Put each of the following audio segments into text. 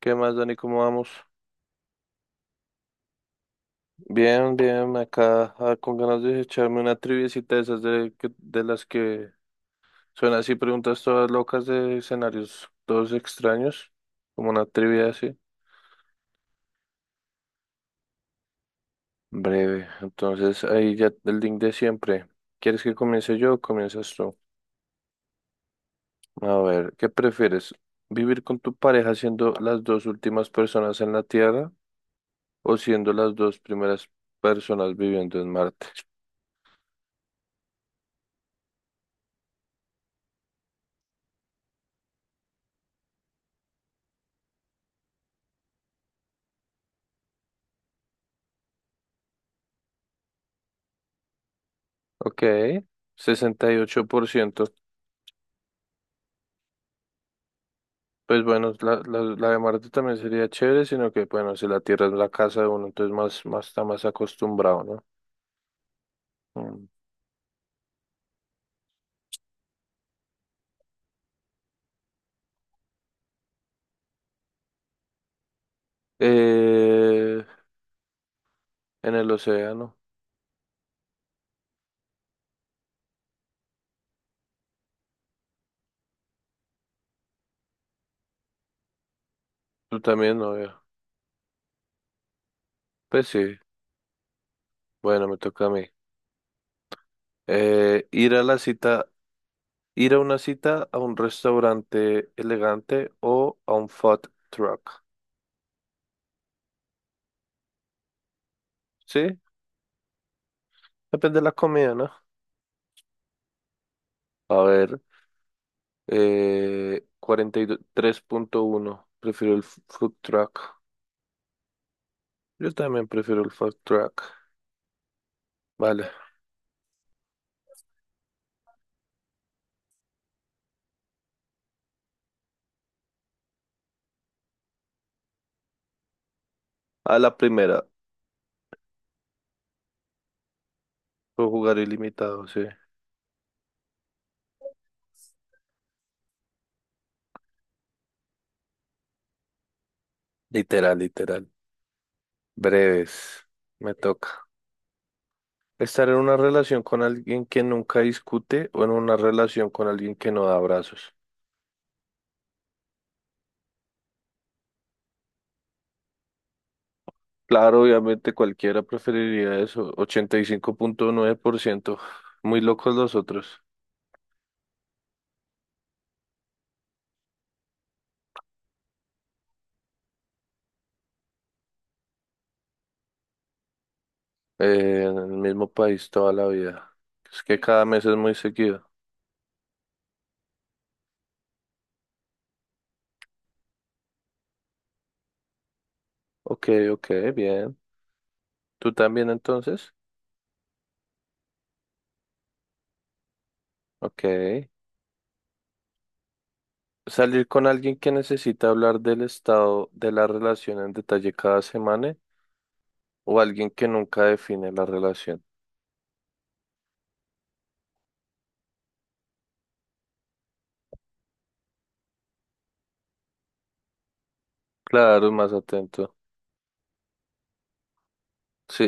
¿Qué más, Dani? ¿Cómo vamos? Bien, bien, acá con ganas de echarme una triviecita de esas de las que son así preguntas todas locas de escenarios todos extraños, como una trivia así. Breve, entonces ahí ya el link de siempre. ¿Quieres que comience yo o comienzas tú? A ver, ¿qué prefieres? ¿Vivir con tu pareja siendo las dos últimas personas en la Tierra o siendo las dos primeras personas viviendo en Marte? Ok, 68%. Pues bueno, la de Marte también sería chévere, sino que bueno, si la Tierra es la casa de uno, entonces más está más acostumbrado, ¿no? Mm. Eh, en el océano, tú también, no veo. Pues sí, bueno, me toca a mí. Eh, ir a la cita, ir a una cita a un restaurante elegante o a un food truck. Sí, depende de la comida, ¿no? A ver, 43.1 prefiero el food truck. Yo también prefiero el food truck. Vale. A la primera. Puedo jugar ilimitado, sí. Literal, literal. Breves. Me toca. Estar en una relación con alguien que nunca discute o en una relación con alguien que no da abrazos. Claro, obviamente cualquiera preferiría eso. 85.9%. Muy locos los otros. En el mismo país toda la vida. Es que, sí, cada mes es muy seguido. Ok, ok, bien. ¿Tú también entonces? Ok. Salir con alguien que necesita hablar del estado de la relación en detalle cada semana o alguien que nunca define la relación. Claro, más atento. Sí,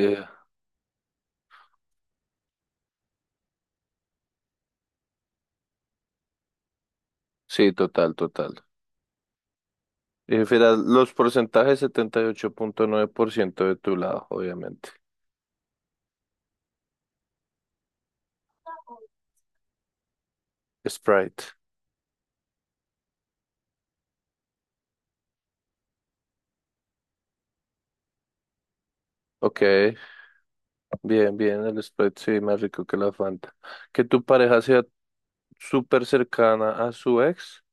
sí, total, total. Y mira, los porcentajes 78.9% de tu lado, obviamente. Sprite. Ok, bien, bien, el Sprite sí, más rico que la Fanta. Que tu pareja sea súper cercana a su ex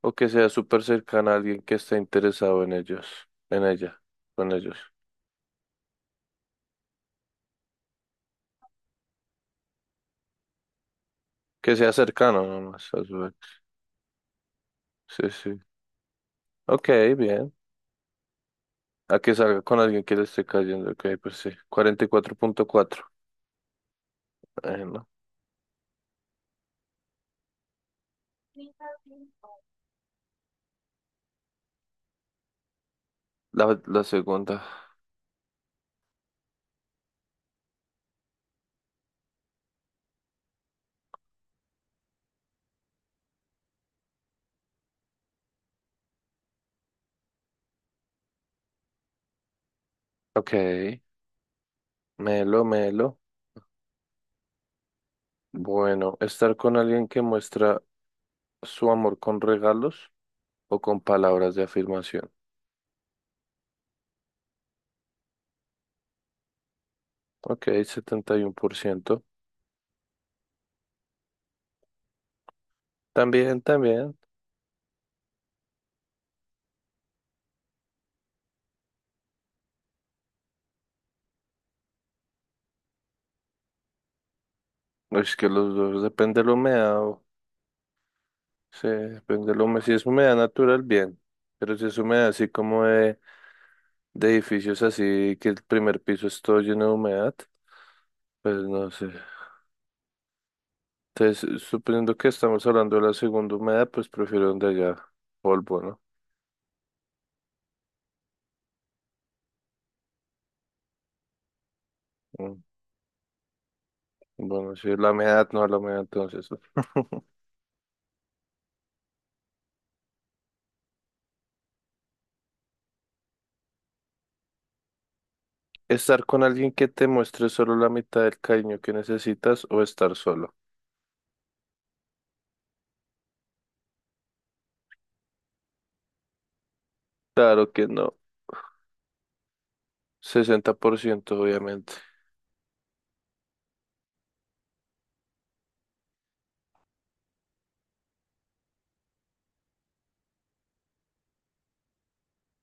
o que sea súper cercana a alguien que esté interesado en ellos, en ella, con ellos. Que sea cercano nomás a su ex. Sí, sí. Ok, bien. A que salga con alguien que le esté cayendo. Ok, pues sí. 44.4. No. La segunda. Ok. Melo, melo. Bueno, estar con alguien que muestra su amor con regalos o con palabras de afirmación. Ok, 71%. También, también. Es que los dos depende de la humedad. Sí, depende de la humedad. Si es humedad natural, bien. Pero si es humedad así como de edificios así que el primer piso es todo lleno de humedad, pues no sé. Entonces, suponiendo que estamos hablando de la segunda humedad, pues prefiero donde haya polvo, ¿no? Mm, Bueno, sí, la humedad, no la humedad, entonces, ¿no? Estar con alguien que te muestre solo la mitad del cariño que necesitas o estar solo. Claro que no, 60% obviamente.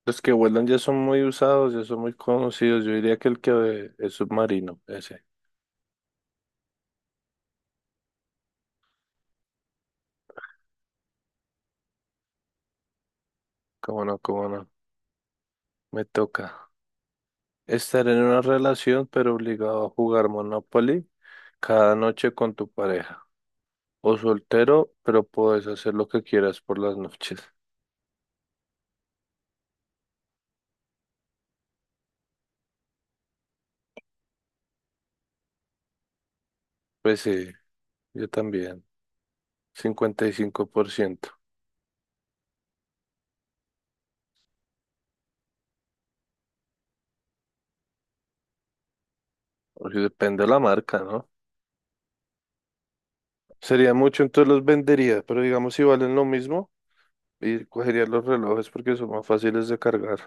Los que vuelan ya son muy usados, ya son muy conocidos. Yo diría que el que es submarino, ese. Cómo no, me toca. Estar en una relación pero obligado a jugar Monopoly cada noche con tu pareja. O soltero, pero puedes hacer lo que quieras por las noches. Pues sí, yo también. 55%. O sea, depende de la marca, ¿no? Sería mucho, entonces los vendería, pero digamos si valen lo mismo, y cogería los relojes porque son más fáciles de cargar.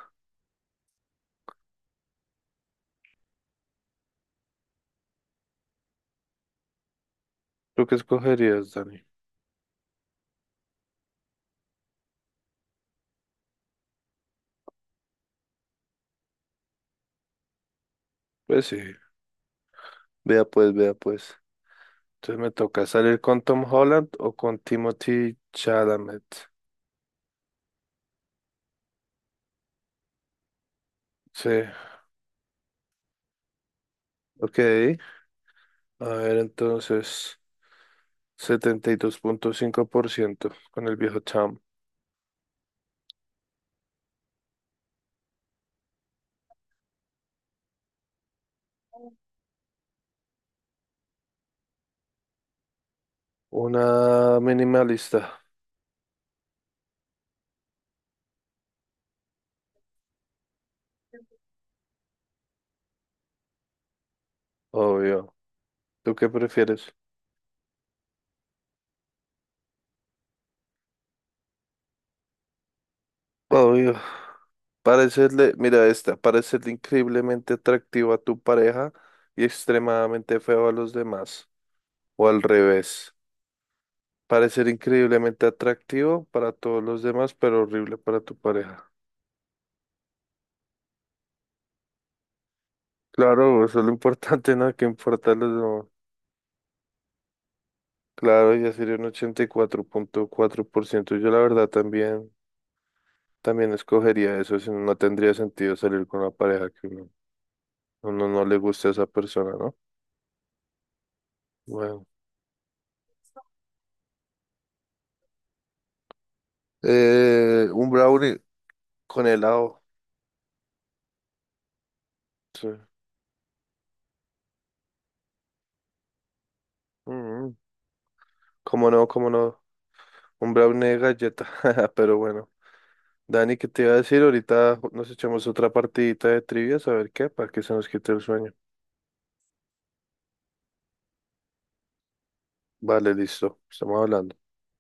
¿Tú qué escogerías, Dani? Pues sí, vea pues, vea pues. Entonces me toca salir con Tom Holland o con Timothy Chalamet. Sí. Ok, a ver entonces, 72.5% con el viejo Cham. Una minimalista, obvio. ¿Tú qué prefieres? Obvio. Parecerle, mira esta, parecerle increíblemente atractivo a tu pareja y extremadamente feo a los demás. O al revés, parecer increíblemente atractivo para todos los demás, pero horrible para tu pareja. Claro, eso es lo importante, ¿no? ¿Qué importa los demás? Claro, ya sería un 84.4%. Yo la verdad también, también escogería eso, si no no tendría sentido salir con una pareja que uno no le guste a esa persona, ¿no? Bueno. Un brownie con helado. Sí. Mm. ¿Cómo no? ¿Cómo no? Un brownie de galleta. Pero bueno. Dani, ¿qué te iba a decir? Ahorita nos echamos otra partidita de trivias, a ver qué, para que se nos quite el sueño. Vale, listo. Estamos hablando.